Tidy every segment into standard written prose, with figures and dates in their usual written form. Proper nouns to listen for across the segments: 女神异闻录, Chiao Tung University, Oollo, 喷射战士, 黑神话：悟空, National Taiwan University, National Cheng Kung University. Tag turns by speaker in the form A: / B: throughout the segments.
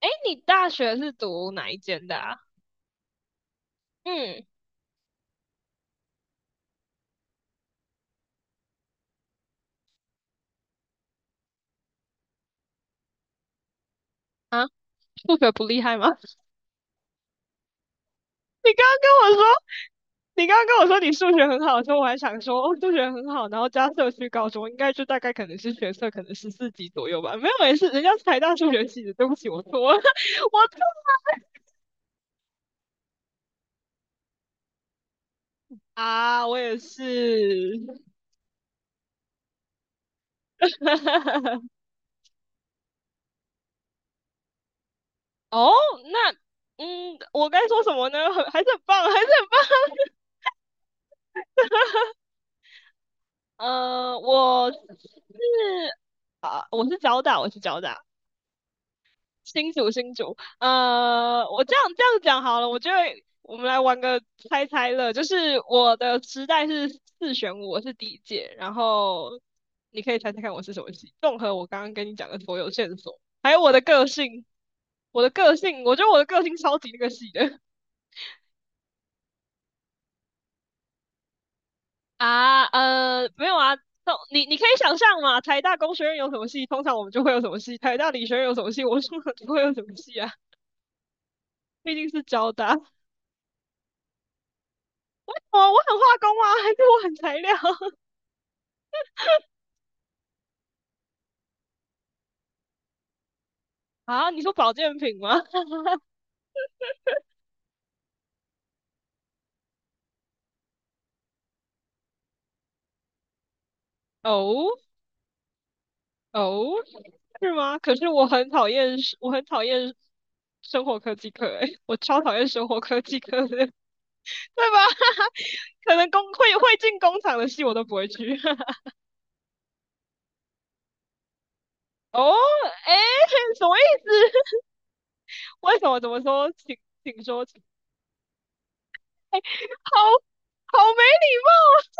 A: 哎，你大学是读哪一间的啊？嗯。啊，数学不厉害吗？你刚刚跟我说，你刚刚跟我说你数学很好的时候，我还想说，哦，数学很好，然后加社区高中，应该就大概可能是学测可能14级左右吧。没有，没事，人家是台大数学系的，对不起，我错了。我错啊，我也是。哦，那，嗯，我该说什么呢？还是很棒，还是很棒。呃，我是啊，我是交大，我是交大。新竹新竹，我这样讲好了，我觉得我们来玩个猜猜乐，就是我的时代是四选五，我是第一届，然后你可以猜猜看我是什么系，综合我刚刚跟你讲的所有线索，还有我的个性，我觉得我的个性超级那个系的。 啊，没有啊。那你可以想象嘛，台大工学院有什么系，通常我们就会有什么系；台大理学院有什么系，我们通常就会有什么系啊，毕竟是交大。哦，我很化工啊，还是我很材料。 啊？你说保健品吗？哦哦，是吗？可是我很讨厌，我很讨厌生活科技课，诶，我超讨厌生活科技课的，对吧？可能工会会进工厂的戏我都不会去。哦，哎，什么意思？为什么？怎么说？请说，请。好好没礼貌。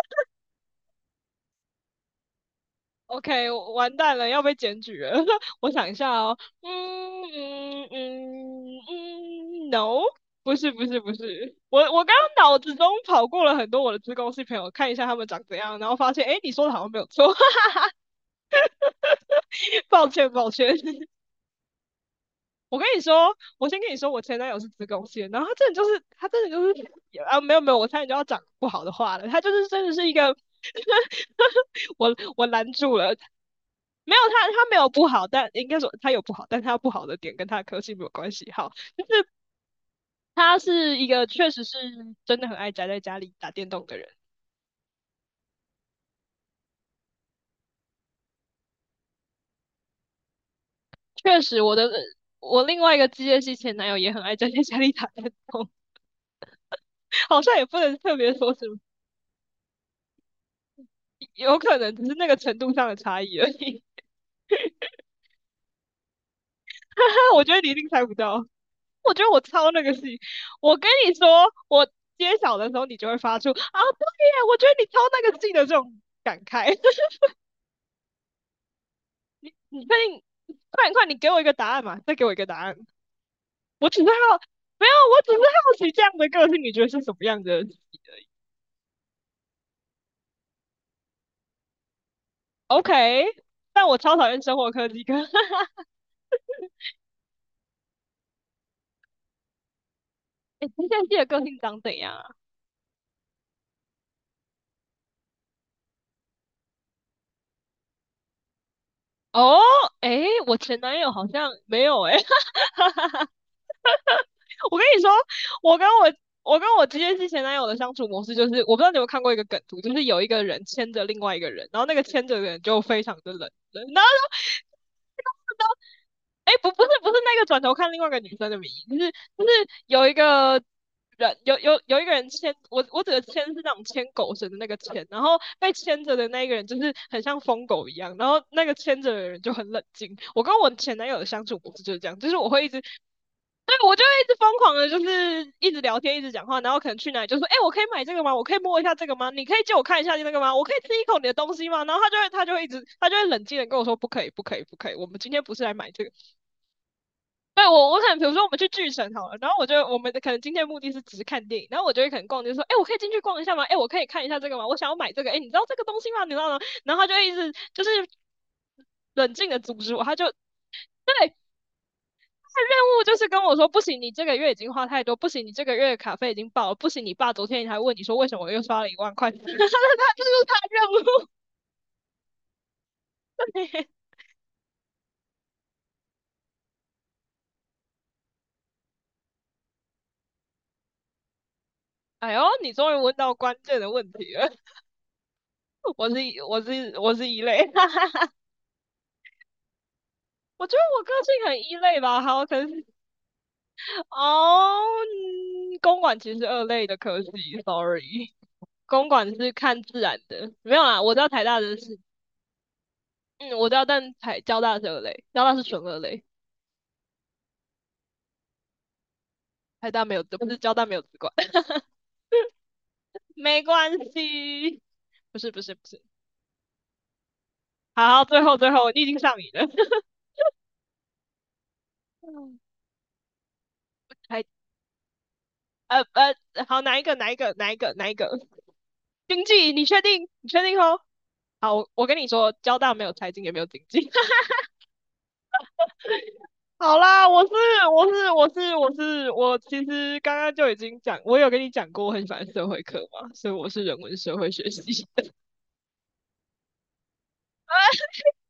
A: OK，完蛋了，要被检举了。我想一下哦，嗯嗯嗯嗯嗯，no，不是不是不是。我刚刚脑子中跑过了很多我的自工系朋友，看一下他们长怎样，然后发现，哎，你说的好像没有错。抱歉抱歉。我跟你说，我先跟你说，我前男友是子宫腺，然后他真的就是啊，没有没有，我差点就要讲不好的话了，他就是真的是一个。我拦住了。没有他没有不好，但应该说他有不好，但他不好的点跟他的科系没有关系。好，他是一个确实是真的很爱宅在家里打电动的人，确实我的。我另外一个机械系前男友也很爱宅在家里打电动，好像也不能特别说什么，有可能只是那个程度上的差异而已。我觉得你一定猜不到。我觉得我超那个戏，我跟你说，我揭晓的时候，你就会发出啊，对呀，我觉得你超那个戏的这种感慨。你确定？快点快点你给我一个答案嘛，再给我一个答案。我只是好，没有，我只是好奇这样的个性，你觉得是什么样的。 o k。 但我超讨厌生活科技课。哎，这些戏的个性长怎样啊？哦，哎，我前男友好像没有哎。我跟你说，我跟我我跟我直接是前男友的相处模式，就是我不知道你有没有看过一个梗图，就是有一个人牵着另外一个人，然后那个牵着的人就非常的冷，然后就知哎，不是那个转头看另外一个女生的名义，就是有一个有一个人牵。我指的牵是那种牵狗绳的那个牵，然后被牵着的那一个人就是很像疯狗一样，然后那个牵着的人就很冷静。我跟我前男友的相处模式就是这样，就是我会一直对，我就会一直疯狂的，就是一直聊天，一直讲话，然后可能去哪里就说，哎、欸我可以买这个吗？我可以摸一下这个吗？你可以借我看一下那个吗？我可以吃一口你的东西吗？然后他就会冷静的跟我说，不可以，不可以，不可以，我们今天不是来买这个。对。我可能比如说我们去巨神好了，然后我们的可能今天的目的是只是看电影，然后我就会可能逛街说，哎、欸我可以进去逛一下吗？哎、欸我可以看一下这个吗？我想要买这个，哎、欸你知道这个东西吗？你知道吗？然后他就一直就是冷静的阻止我，他就对。任务就是跟我说，不行，你这个月已经花太多，不行，你这个月卡费已经爆了，不行，你爸昨天还问你说为什么我又刷了1万块。他 他这就是他任务。哎呦，你终于问到关键的问题了，我是我是一类。我觉得我个性很一类吧。好，可是哦，公馆其实是二类的，可惜，sorry，公馆是看自然的，没有啦，我知道台大的是，嗯，我知道，但台交大是二类，交大是纯二类，台大没有，不是交大没有资管。没关系。不是不是不是。好，最后最后，你已经上瘾了。还好，哪一个哪一个哪一个哪一个？经济，你确定？你确定哦？好，我跟你说，交大没有财经，也没有经济。好啦，我是，其实刚刚就已经讲，我有跟你讲过，我很喜欢社会课嘛，所以我是人文社会学习。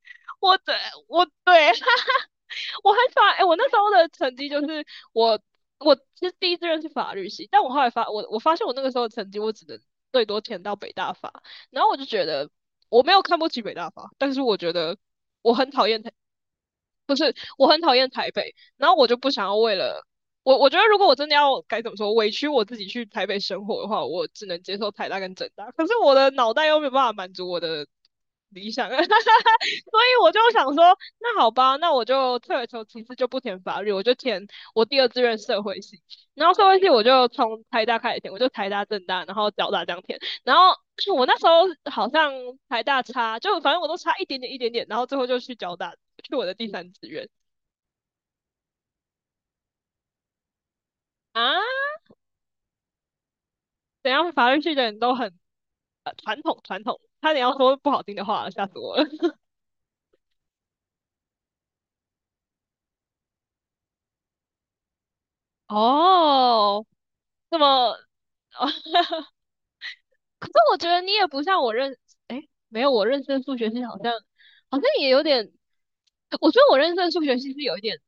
A: 我对我对。我还发，哎、欸我那时候的成绩就是我，我其实第一志愿是法律系，但我发现我那个时候的成绩，我只能最多填到北大法，然后我就觉得我没有看不起北大法，但是我觉得我很讨厌他。我很讨厌台北，然后我就不想要为了我，我觉得如果我真的要该怎么说委屈我自己去台北生活的话，我只能接受台大跟政大，可是我的脑袋又没有办法满足我的理想。所以我就想说，那好吧，那我就退而求其次，就不填法律，我就填我第二志愿社会系，然后社会系我就从台大开始填，我就台大、政大，然后交大这样填，然后 我那时候好像台大差，就反正我都差一点点一点点，然后最后就去交大，去我的第三志愿。啊，等一下法律系的人都很传统传统，差点要说不好听的话了，吓死我了。哦，那么，哦。 可是我觉得你也不像诶，没有我认识的数学系好像也有点，我觉得我认识的数学系是有一点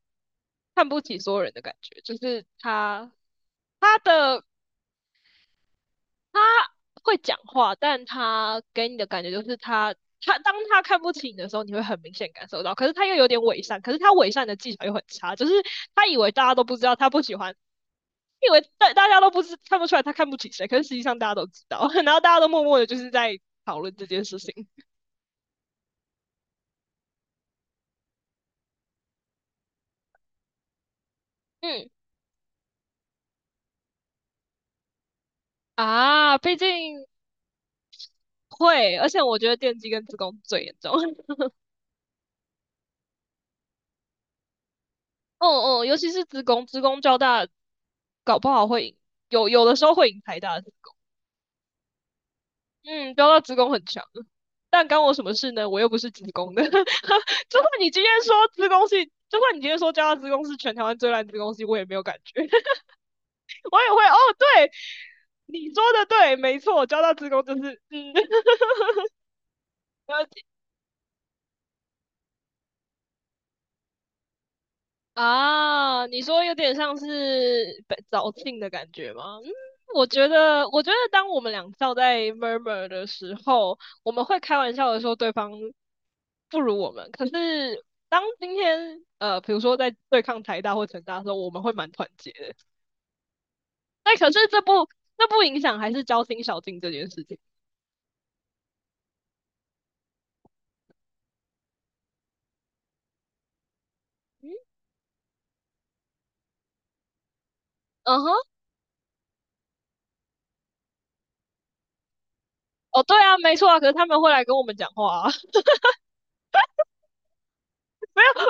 A: 看不起所有人的感觉，就是他的他会讲话，但他给你的感觉就是他当他看不起你的时候，你会很明显感受到。可是他又有点伪善，可是他伪善的技巧又很差，就是他以为大家都不知道他不喜欢，以为大家都不知看不出来他看不起谁，可是实际上大家都知道。然后大家都默默的就是在讨论这件事情。嗯啊，毕竟。会，而且我觉得电机跟职工最严重。哦哦，尤其是职工，职工交大搞不好会赢，有的时候会赢台大的资。嗯，交大子宫很强。但干我什么事呢？我又不是子宫的。就算你今天说子宫是，就算你今天说交大子宫是全台湾最烂子宫系，我也没有感觉，我也会。哦，对，你说的对，没错，交大子宫就是，嗯，呃啊，你说有点像是被早庆的感觉吗？嗯，我觉得，我觉得当我们两校在 murmur 的时候，我们会开玩笑的说对方不如我们。可是当今天，比如说在对抗台大或成大的时候，我们会蛮团结的。那可是这不，这不影响还是交心小静这件事情。嗯哼。哦，对啊，没错啊。可是他们会来跟我们讲话啊。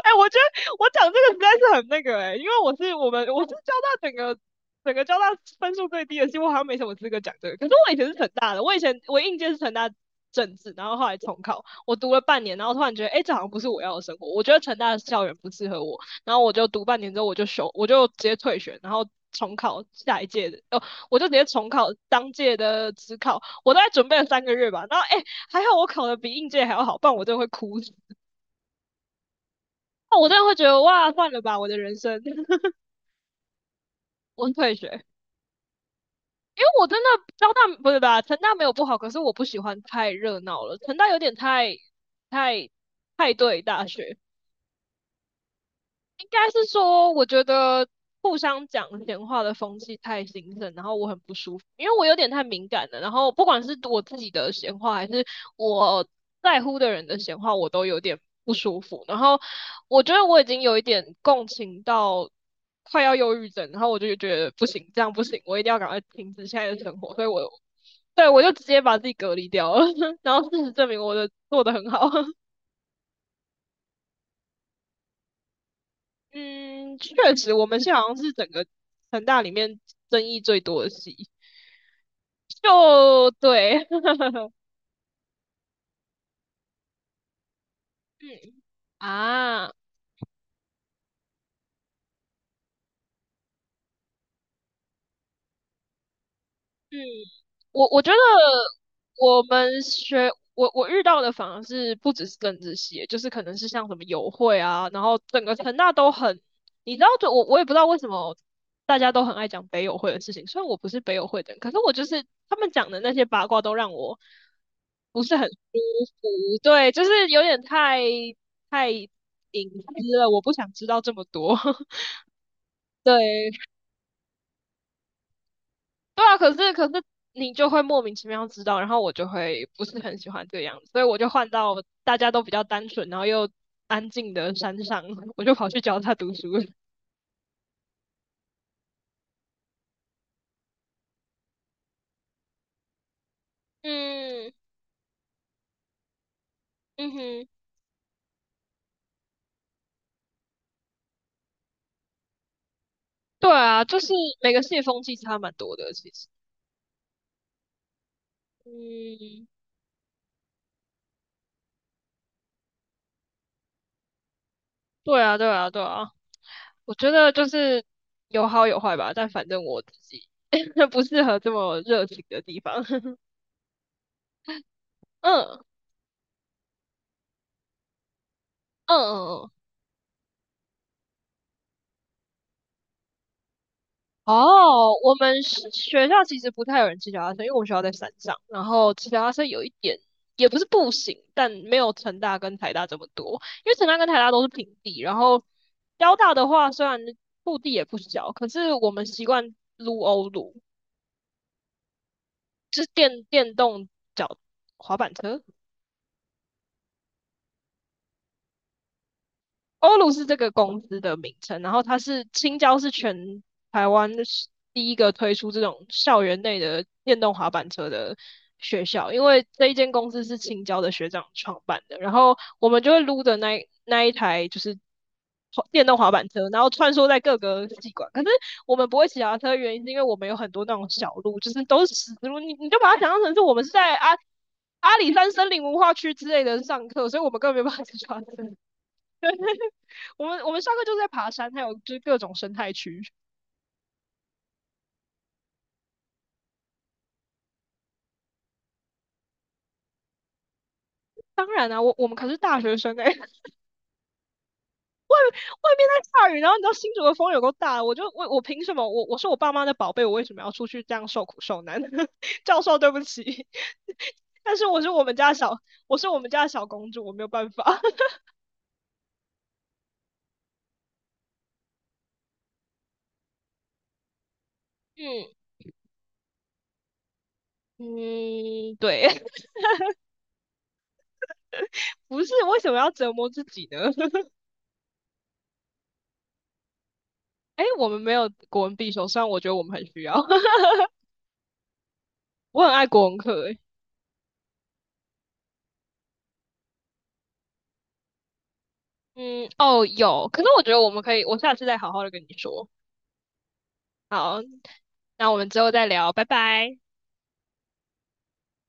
A: 哎，我觉得我讲这个实在是很那个，哎，因为我是我们我是交大整个整个交大分数最低的，几乎好像没什么资格讲这个。可是我以前是成大的，我以前我应届是成大政治，然后后来重考，我读了半年，然后突然觉得，哎，这好像不是我要的生活，我觉得成大的校园不适合我，然后我就读半年之后我就休，我就直接退学，然后重考下一届的。哦，我就直接重考当届的职考，我大概准备了3个月吧。然后，哎，还好我考的比应届还要好，不然我真的会哭死。那我真的会觉得哇，算了吧，我的人生。我退学，因为我真的交大不是吧，成大没有不好，可是我不喜欢太热闹了，成大有点太太太对大学，应该是说，我觉得互相讲闲话的风气太兴盛，然后我很不舒服，因为我有点太敏感了。然后不管是我自己的闲话，还是我在乎的人的闲话，我都有点不舒服。然后我觉得我已经有一点共情到快要忧郁症，然后我就觉得不行，这样不行，我一定要赶快停止现在的生活。所以我对我就直接把自己隔离掉了，然后事实证明我的做的很好。嗯，确实，我们系好像是整个成大里面争议最多的系，就对，嗯啊，嗯。我觉得我们学我遇到的反而是不只是政治系，就是可能是像什么友会啊，然后整个成大都很，你知道，就我也不知道为什么大家都很爱讲北友会的事情，虽然我不是北友会的人，可是我就是他们讲的那些八卦都让我不是很舒服，对，就是有点太太隐私了，我不想知道这么多，对。对啊，可是你就会莫名其妙知道，然后我就会不是很喜欢这个样子，所以我就换到大家都比较单纯，然后又安静的山上，我就跑去教他读书了。嗯嗯哼，对啊，就是每个系的风气差蛮多的，其实。嗯，对啊对啊对啊，我觉得就是有好有坏吧，但反正我自己 不适合这么热情的地方。嗯嗯嗯嗯。哦，我们是学校其实不太有人骑脚踏车，因为我们学校在山上，然后骑脚踏车有一点也不是不行，但没有成大跟台大这么多，因为成大跟台大都是平地，然后交大的话虽然陆地也不小，可是我们习惯撸欧撸，就是电电动脚滑板车，欧陆是这个公司的名称，然后它是青椒是全台湾是第一个推出这种校园内的电动滑板车的学校，因为这一间公司是青椒的学长创办的，然后我们就会撸着那那一台就是电动滑板车，然后穿梭在各个系馆。可是我们不会骑脚踏车，原因是因为我们有很多那种小路，就是都是石子路。你就把它想象成是我们是在阿阿里山森林文化区之类的上课，所以我们根本没办法骑脚踏车。我们上课就是在爬山，还有就是各种生态区。当然啊，我们可是大学生哎，欸 外面在下雨，然后你知道新竹的风有够大，我就我我凭什么？我是我爸妈的宝贝，我为什么要出去这样受苦受难？教授，对不起，但是我是我们家小，我是我们家的小公主，我没有办法。嗯嗯，对，不是为什么要折磨自己呢？哎，我们没有国文必修，虽然我觉得我们很需要。我很爱国文课，哎。嗯，哦，有，可是我觉得我们可以，我下次再好好的跟你说。好，那我们之后再聊，拜拜。